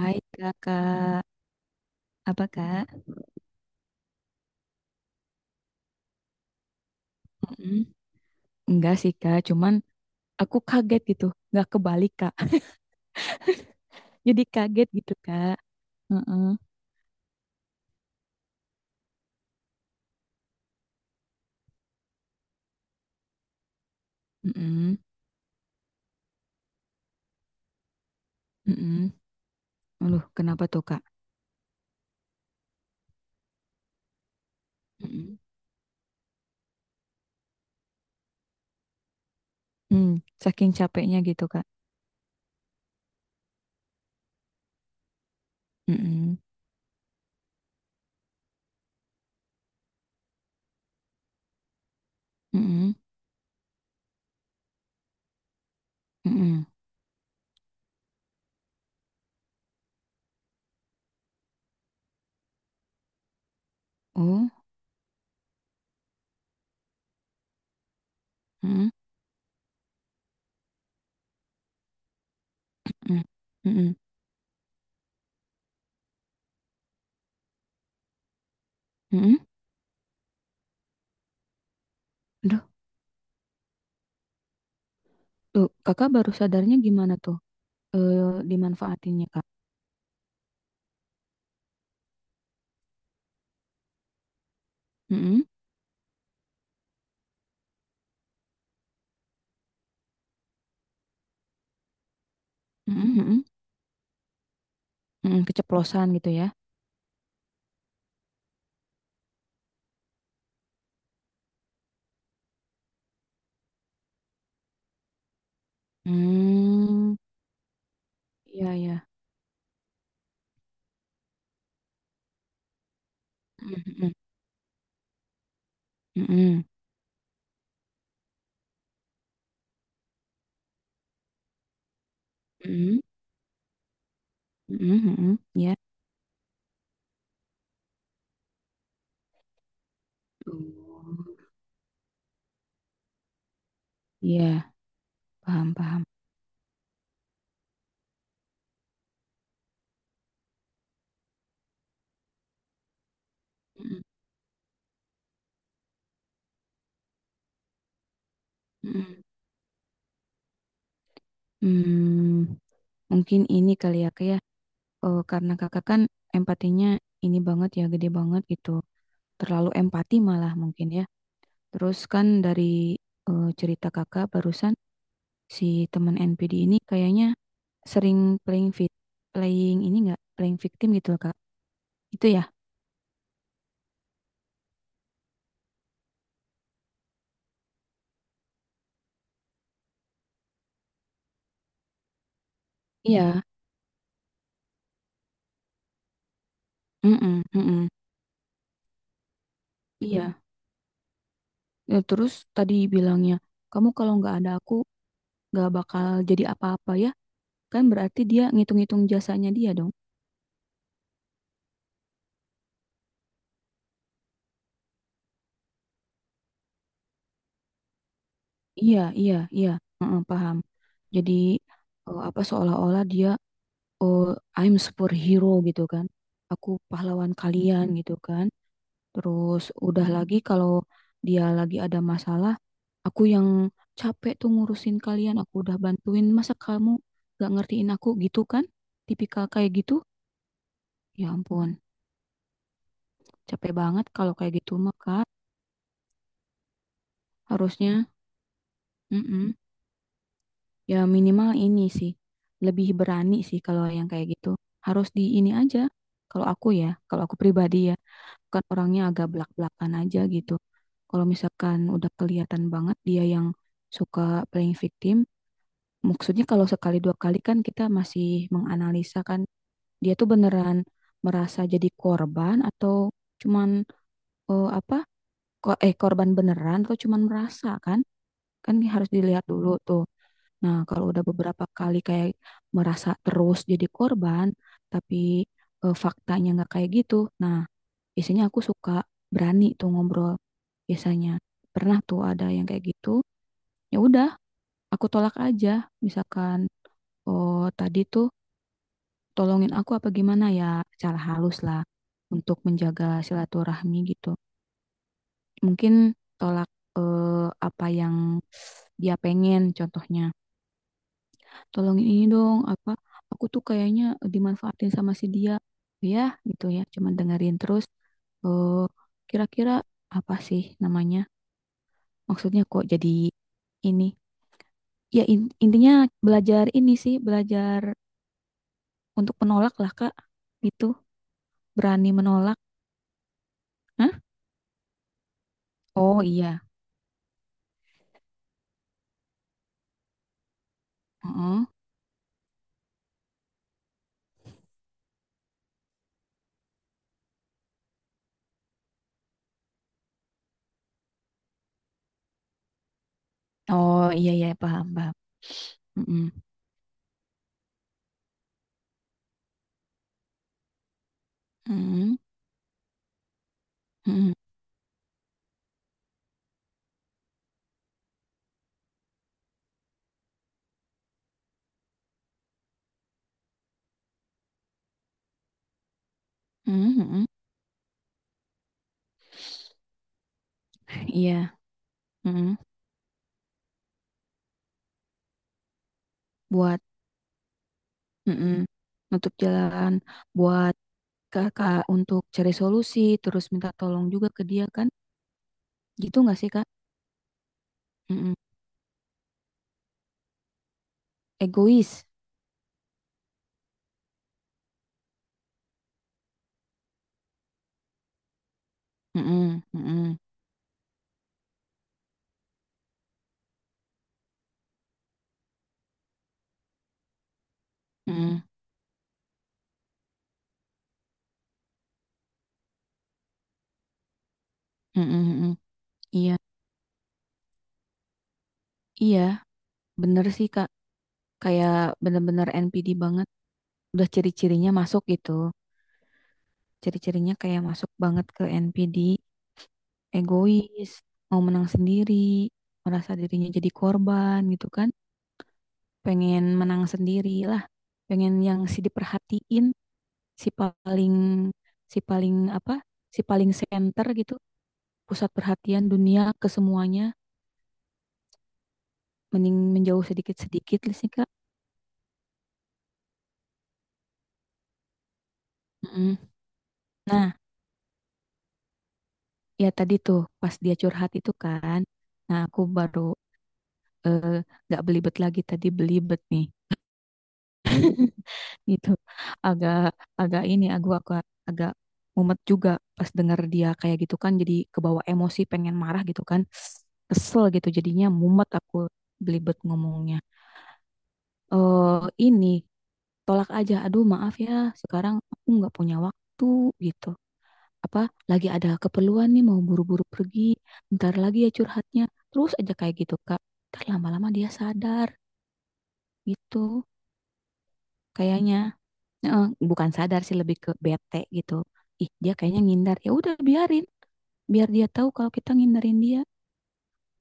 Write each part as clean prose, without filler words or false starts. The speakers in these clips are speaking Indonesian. Hai kakak, apa kak? Mm, Enggak sih kak, cuman aku kaget gitu, nggak kebalik kak. Jadi kaget gitu kak. Heeh. Mm-mm. Mm-mm. Aduh, kenapa tuh kak? Mm-mm. Mm, Saking capeknya gitu kak. Mm-mm. Mm-mm. Mm-mm. Oh. Mm-mm. Mm-mm. Mm-mm. Mm-mm. Aduh, tuh kakak baru sadarnya gimana tuh? Eh, dimanfaatinnya kak? Mm-mm. Mm-mm. Mm-mm. Mm-mm. Keceplosan gitu ya? Hmm, iya ya. Mm-mm. Mm-mm. Mhm, mhm, mhm, ya. Oh, iya, paham, paham. Mhm, mhm. Hmm, mungkin ini kali ya, Kak, ya. Karena kakak kan empatinya ini banget ya, gede banget gitu. Terlalu empati malah mungkin ya. Terus kan dari cerita kakak barusan si teman NPD ini kayaknya sering playing fit, playing ini enggak, playing victim gitu, Kak. Itu ya? Iya. Mm-mm, mm-mm. Iya. Ya, terus tadi bilangnya, kamu kalau nggak ada aku nggak bakal jadi apa-apa ya. Kan berarti dia ngitung-ngitung jasanya dia dong. Iya, iya, iya. Heeh, paham. Jadi apa seolah-olah dia oh I'm superhero gitu kan. Aku pahlawan kalian gitu kan. Terus udah lagi kalau dia lagi ada masalah, aku yang capek tuh ngurusin kalian, aku udah bantuin, masa kamu gak ngertiin aku gitu kan? Tipikal kayak gitu? Ya ampun, capek banget kalau kayak gitu mah Kak, harusnya. Mm-mm. Ya minimal ini sih, lebih berani sih kalau yang kayak gitu. Harus di ini aja, kalau aku ya, kalau aku pribadi ya, kan orangnya agak belak-belakan aja gitu. Kalau misalkan udah kelihatan banget dia yang suka playing victim, maksudnya kalau sekali dua kali kan kita masih menganalisa kan, dia tuh beneran merasa jadi korban atau cuman apa, korban beneran atau cuman merasa kan, kan harus dilihat dulu tuh. Nah, kalau udah beberapa kali kayak merasa terus jadi korban, tapi faktanya nggak kayak gitu. Nah, biasanya aku suka berani tuh ngobrol. Biasanya pernah tuh ada yang kayak gitu. Ya udah, aku tolak aja. Misalkan, oh tadi tuh tolongin aku apa gimana ya, secara halus lah untuk menjaga silaturahmi gitu. Mungkin tolak eh, apa yang dia pengen, contohnya. Tolongin ini dong apa aku tuh kayaknya dimanfaatin sama si dia ya gitu ya cuman dengerin terus eh kira-kira apa sih namanya maksudnya kok jadi ini ya intinya belajar ini sih belajar untuk menolak lah Kak gitu berani menolak. Hah? Oh iya. Heeh. Oh iya iya paham paham. Mm-mm. Mm-mm. Mm-mm. Mm-mm. Iya. Mm-mm. Buat mm-mm. Nutup jalan buat kakak untuk cari solusi terus minta tolong juga ke dia kan gitu nggak sih kak. Mm-mm. Egois. Mm-mm, mm-mm, mm-mm, mm-mm, mm-mm. Iya, iya, bener sih kak, kayak bener-bener NPD banget, udah ciri-cirinya masuk gitu, ciri-cirinya kayak masuk banget ke NPD. Egois, mau menang sendiri, merasa dirinya jadi korban gitu kan, pengen menang sendiri lah, pengen yang si diperhatiin, si paling, si paling apa, si paling center gitu, pusat perhatian dunia ke semuanya. Mending menjauh sedikit-sedikit lah sih Kak. Mm. Nah ya tadi tuh pas dia curhat itu kan nah aku baru eh, nggak belibet lagi tadi belibet nih gitu agak agak ini aku agak mumet juga pas dengar dia kayak gitu kan jadi kebawa emosi pengen marah gitu kan kesel gitu jadinya mumet aku belibet ngomongnya eh ini tolak aja aduh maaf ya sekarang aku nggak punya waktu gitu apa lagi ada keperluan nih mau buru-buru pergi ntar lagi ya curhatnya terus aja kayak gitu Kak ntar lama-lama dia sadar gitu kayaknya. Eh, bukan sadar sih lebih ke bete gitu, ih dia kayaknya ngindar ya udah biarin biar dia tahu kalau kita ngindarin dia.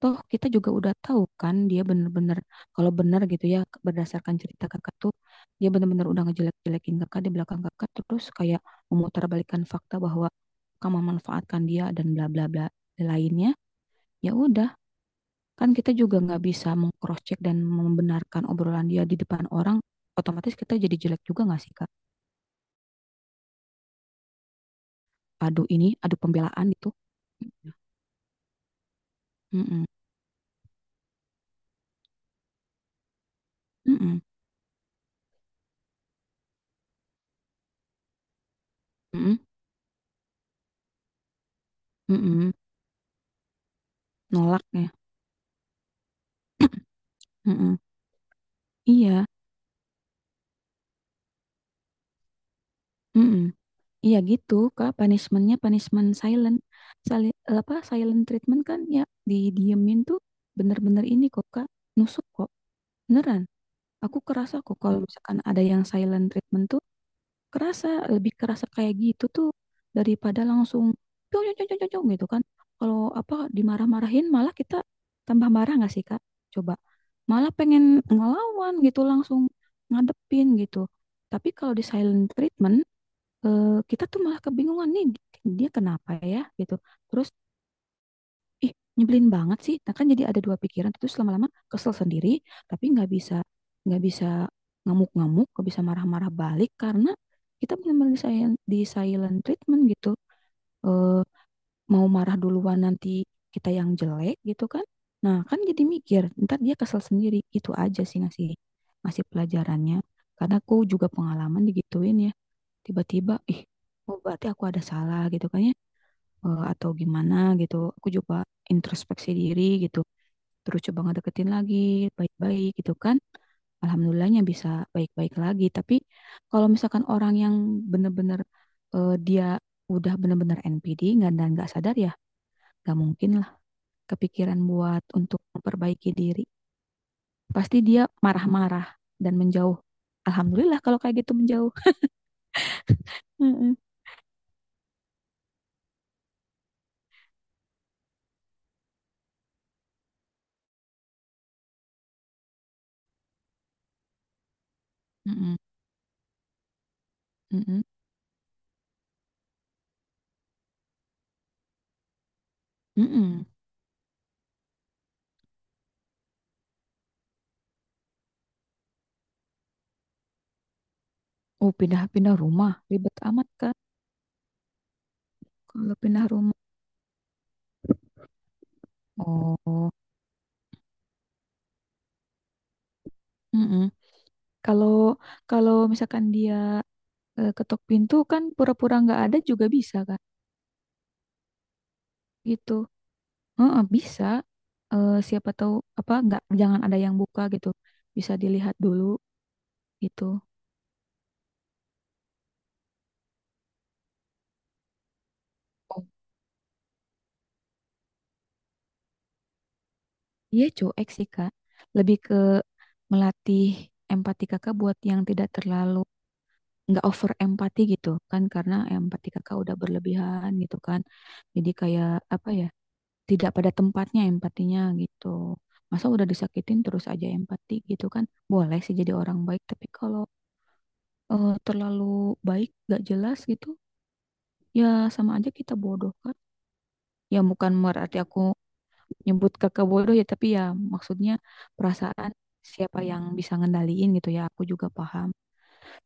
Toh kita juga udah tahu kan dia bener-bener, kalau bener gitu ya berdasarkan cerita kakak tuh dia bener-bener udah ngejelek-jelekin kakak di belakang kakak terus kayak memutarbalikkan fakta bahwa kamu memanfaatkan dia dan bla bla bla lainnya. Ya udah, kan kita juga nggak bisa mengcross check dan membenarkan obrolan dia di depan orang. Otomatis kita jadi jelek juga nggak sih kak? Adu ini, adu pembelaan itu. Mm-mm. Mm-mm. Mm-mm. Mm-mm. Nolak ya. Mm-mm. Iya. Mm-mm. Iya gitu, Kak. Punishment-nya punishment silent. Sali- apa silent treatment kan ya didiemin tuh bener-bener ini kok, Kak. Nusuk kok. Beneran. Aku kerasa kok kalau misalkan ada yang silent treatment tuh kerasa lebih kerasa kayak gitu tuh daripada langsung "Pyong, pyong, pyong, pyong, pyong," gitu kan. Kalau apa dimarah-marahin malah kita tambah marah nggak sih, Kak? Coba. Malah pengen ngelawan gitu langsung ngadepin gitu. Tapi kalau di silent treatment kita tuh malah kebingungan nih dia kenapa ya gitu terus ih nyebelin banget sih nah kan jadi ada dua pikiran terus lama-lama kesel sendiri tapi nggak bisa ngamuk-ngamuk nggak bisa marah-marah balik karena kita benar-benar di silent treatment gitu. Eh, mau marah duluan nanti kita yang jelek gitu kan nah kan jadi mikir ntar dia kesel sendiri itu aja sih ngasih ngasih pelajarannya karena aku juga pengalaman digituin tiba-tiba ih oh berarti aku ada salah gitu kan ya. Eh, atau gimana gitu aku coba introspeksi diri gitu terus coba ngedeketin lagi baik-baik gitu kan alhamdulillahnya bisa baik-baik lagi tapi kalau misalkan orang yang bener-bener dia udah bener-bener NPD nggak dan nggak sadar ya nggak mungkin lah kepikiran buat untuk memperbaiki diri pasti dia marah-marah dan menjauh alhamdulillah kalau kayak gitu menjauh. Mm-mm. Mm-mm, mm-mm, mm-mm. Oh, pindah-pindah rumah. Ribet amat kan kalau pindah rumah. Oh, mm-mm. Kalau kalau misalkan dia ketok pintu kan pura-pura nggak ada juga bisa kan? Gitu. Heeh, bisa. Eh, siapa tahu apa nggak jangan ada yang buka gitu. Bisa dilihat dulu gitu. Oh. Iya cuek sih Kak. Lebih ke melatih empati Kakak buat yang tidak terlalu nggak over empati gitu kan karena empati Kakak udah berlebihan gitu kan. Jadi kayak apa ya? Tidak pada tempatnya empatinya gitu. Masa udah disakitin terus aja empati gitu kan. Boleh sih jadi orang baik, tapi kalau terlalu baik gak jelas gitu, ya sama aja kita bodoh kan. Ya bukan berarti aku nyebut kakak bodoh ya, tapi ya maksudnya perasaan siapa yang bisa ngendaliin gitu ya, aku juga paham.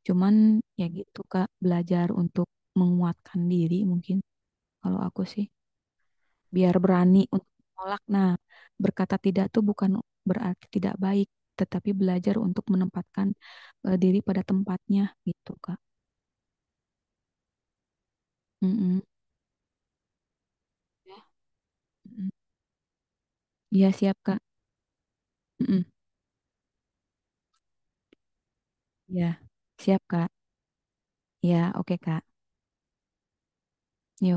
Cuman ya gitu Kak, belajar untuk menguatkan diri mungkin kalau aku sih. Biar berani untuk menolak. Nah, berkata tidak tuh bukan berarti tidak baik, tetapi belajar untuk menempatkan diri pada tempatnya gitu, Kak. Mm-mm. Ya, mm-mm. Iya, siap, Kak. Mm-mm. Ya, siap, Kak. Ya, oke, Kak. Yuk.